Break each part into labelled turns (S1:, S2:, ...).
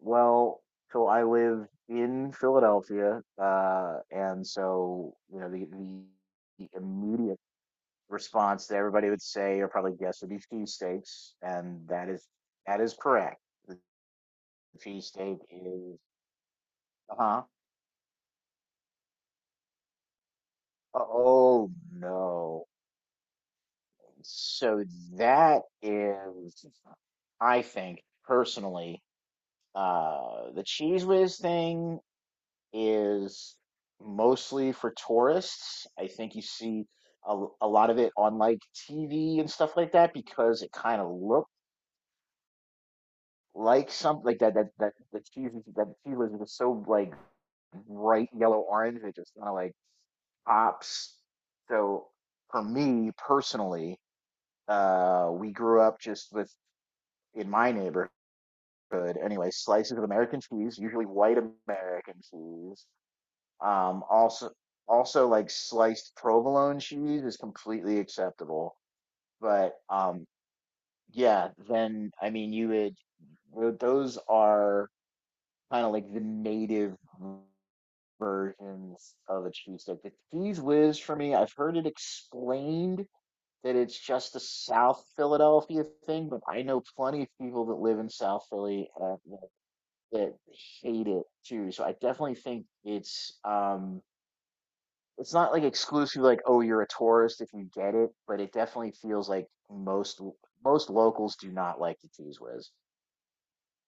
S1: Well, so I live in Philadelphia, and so you know the immediate response that everybody would say or probably guess would be cheesesteaks, and that is correct. Cheesesteak is uh-huh. Oh no. So that is, I think personally, the cheese whiz thing is mostly for tourists. I think you see a lot of it on like TV and stuff like that because it kind of looked like something like that the that cheese was just so like bright yellow orange, it just kind of like pops. So for me personally, we grew up just with, in my neighborhood anyway, slices of American cheese, usually white American cheese. Also, also like sliced provolone cheese is completely acceptable. But yeah, then I mean you would those are kind of like the native versions of a cheese cheesesteak. The cheese whiz for me, I've heard it explained that it's just a South Philadelphia thing, but I know plenty of people that live in South Philly that that hate it too. So I definitely think it's not like exclusive, like, oh, you're a tourist if you get it, but it definitely feels like most most locals do not like the cheese whiz.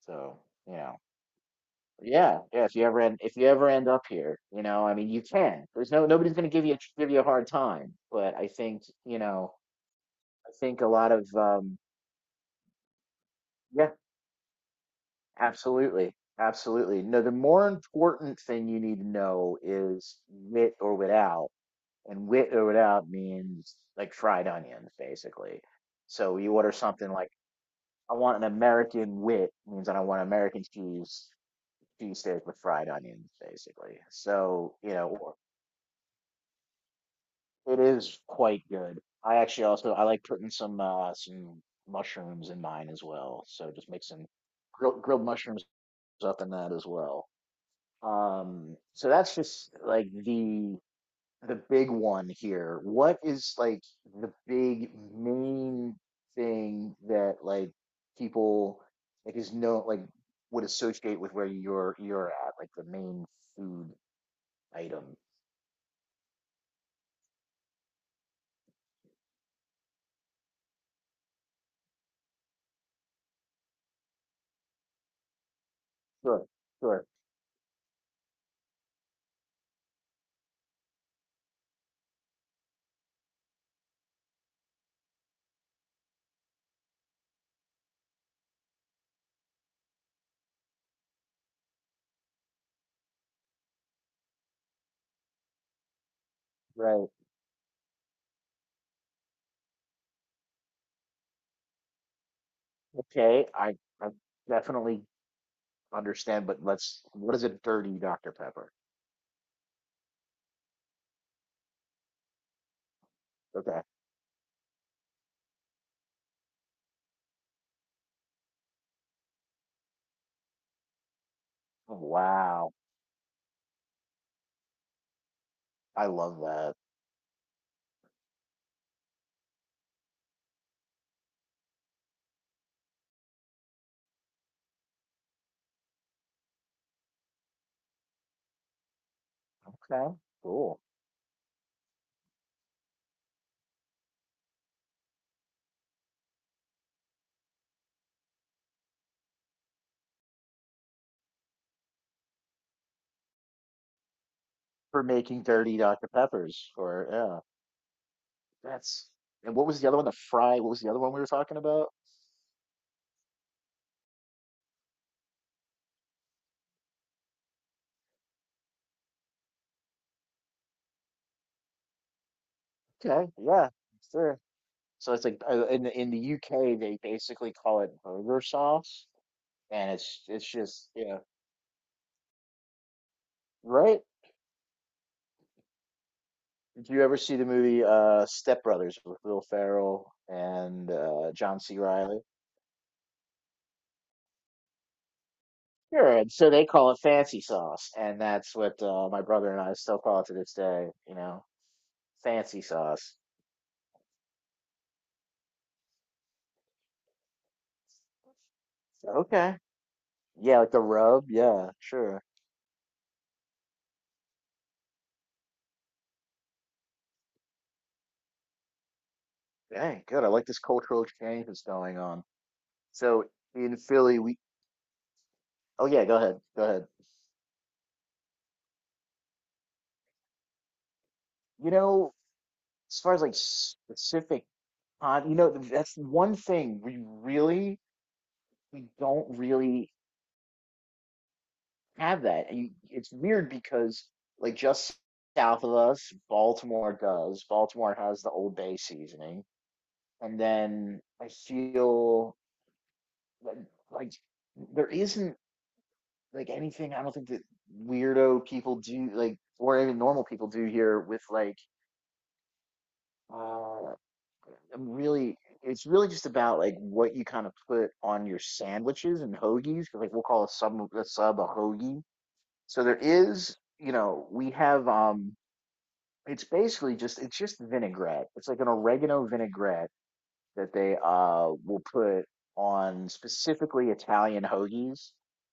S1: So you know, yeah, yeah, if you ever end up here, you know, I mean, you can, there's no nobody's going to give you give you a hard time, but I think I think a lot of yeah, absolutely, absolutely. No, the more important thing you need to know is with or without, and with or without means like fried onions, basically. So you order something like, I want an American wit, means that I want American cheese, cheesesteak with fried onions, basically. So, you know, it is quite good. I actually also, I like putting some mushrooms in mine as well. So just make some grilled mushrooms up in that as well. So that's just like the big one here. What is like the big main thing that like people like is, no, like, would associate with where you're at, like the main food item? Sure, sure, right. Okay, I definitely understand, but let's, what is a dirty Dr. Pepper? Okay. Oh, wow. I love that. Okay, cool. For making dirty Dr. Peppers or yeah. That's, and what was the other one? The fry. What was the other one we were talking about? Okay, yeah, sure. So it's like in the UK they basically call it burger sauce, and it's just, yeah, right? Did you ever see the movie Step Brothers with Will Ferrell and John C. Riley? Sure. And so they call it fancy sauce, and that's what my brother and I still call it to this day. You know, fancy sauce. So, okay. Yeah, like the rub. Yeah, sure. Dang, good. I like this cultural exchange that's going on. So in Philly, we. Oh yeah, go ahead. Go ahead. You know, as far as like specific, you know, that's one thing we really we don't really have that. And you, it's weird because like just south of us, Baltimore does. Baltimore has the Old Bay seasoning, and then I feel like, like, there isn't like anything, I don't think, that weirdo people do like or even normal people do here with like uh I'm really, it's really just about like what you kind of put on your sandwiches and hoagies, 'cause like we'll call a sub, a sub a hoagie. So there is, you know, we have it's basically just, it's just vinaigrette. It's like an oregano vinaigrette that they will put on specifically Italian hoagies.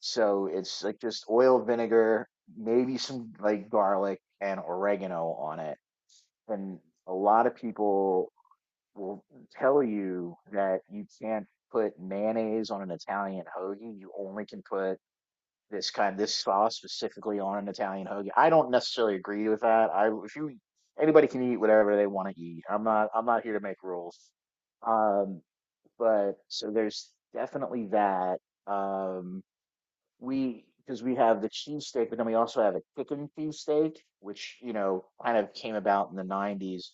S1: So it's like just oil, vinegar, maybe some like garlic and oregano on it. And a lot of people will tell you that you can't put mayonnaise on an Italian hoagie. You only can put this sauce specifically on an Italian hoagie. I don't necessarily agree with that. I, if you, anybody can eat whatever they want to eat. I'm not here to make rules. Um, but so there's definitely that. Um, we, because we have the cheesesteak, but then we also have a chicken cheesesteak, which, you know, kind of came about in the '90s.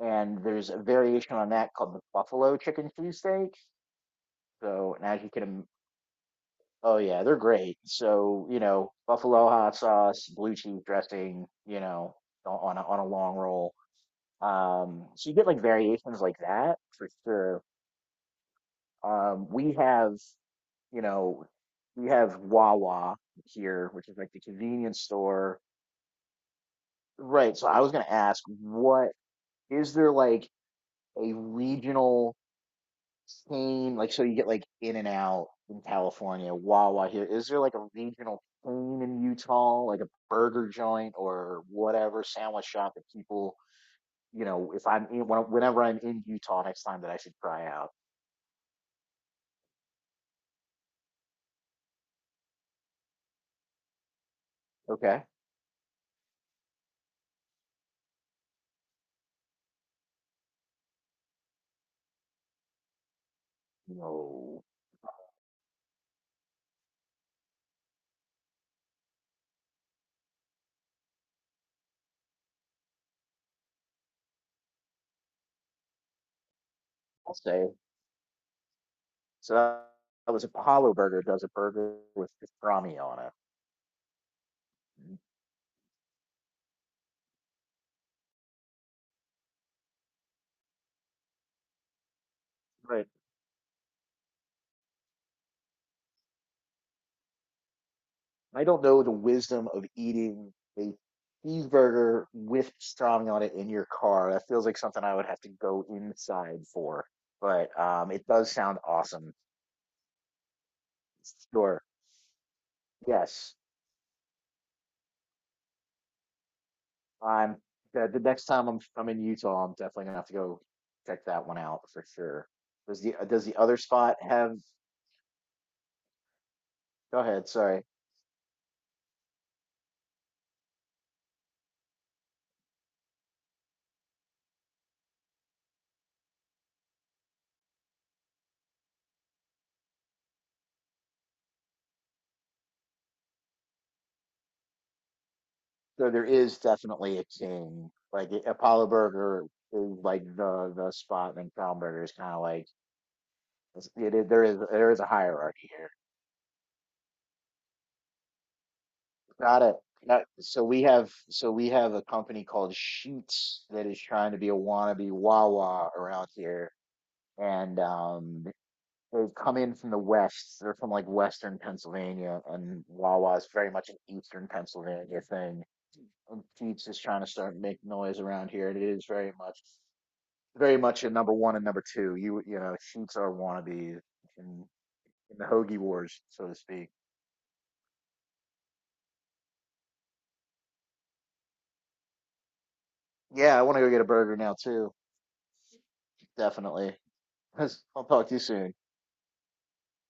S1: And there's a variation on that called the buffalo chicken cheesesteak. So, and as you can, oh yeah, they're great. So, you know, buffalo hot sauce, blue cheese dressing, you know, on on a long roll. So you get like variations like that for sure. We have, you know, we have Wawa here, which is like the convenience store. Right. So I was gonna ask, what, is there like a regional chain? Like, so you get like In and Out in California, Wawa here. Is there like a regional chain in Utah, like a burger joint or whatever sandwich shop that people, you know, if I'm in, whenever I'm in Utah next time that I should try out? Okay. No, I'll say, so that that was, Apollo Burger does a burger with pastrami on it. Right. I don't know the wisdom of eating a cheeseburger with pastrami on it in your car. That feels like something I would have to go inside for. But it does sound awesome. Sure. Yes. I'm, the next time I'm in Utah, I'm definitely gonna have to go check that one out for sure. Does the other spot have? Go ahead. Sorry. So there is definitely a king. Like, Apollo Burger is like the spot, and Kronberger is kind of like, it is, there is there is a hierarchy here. Got it. Got it. So we have, so we have a company called Sheets that is trying to be a wannabe Wawa around here, and they've come in from the west. They're from like Western Pennsylvania, and Wawa is very much an Eastern Pennsylvania thing. And Sheets is trying to start making noise around here, and it is very much very much in number one and number two. You know, sheets are wannabes in in the hoagie wars, so to speak. Yeah, I want to go get a burger now too. Definitely. I'll talk to you soon.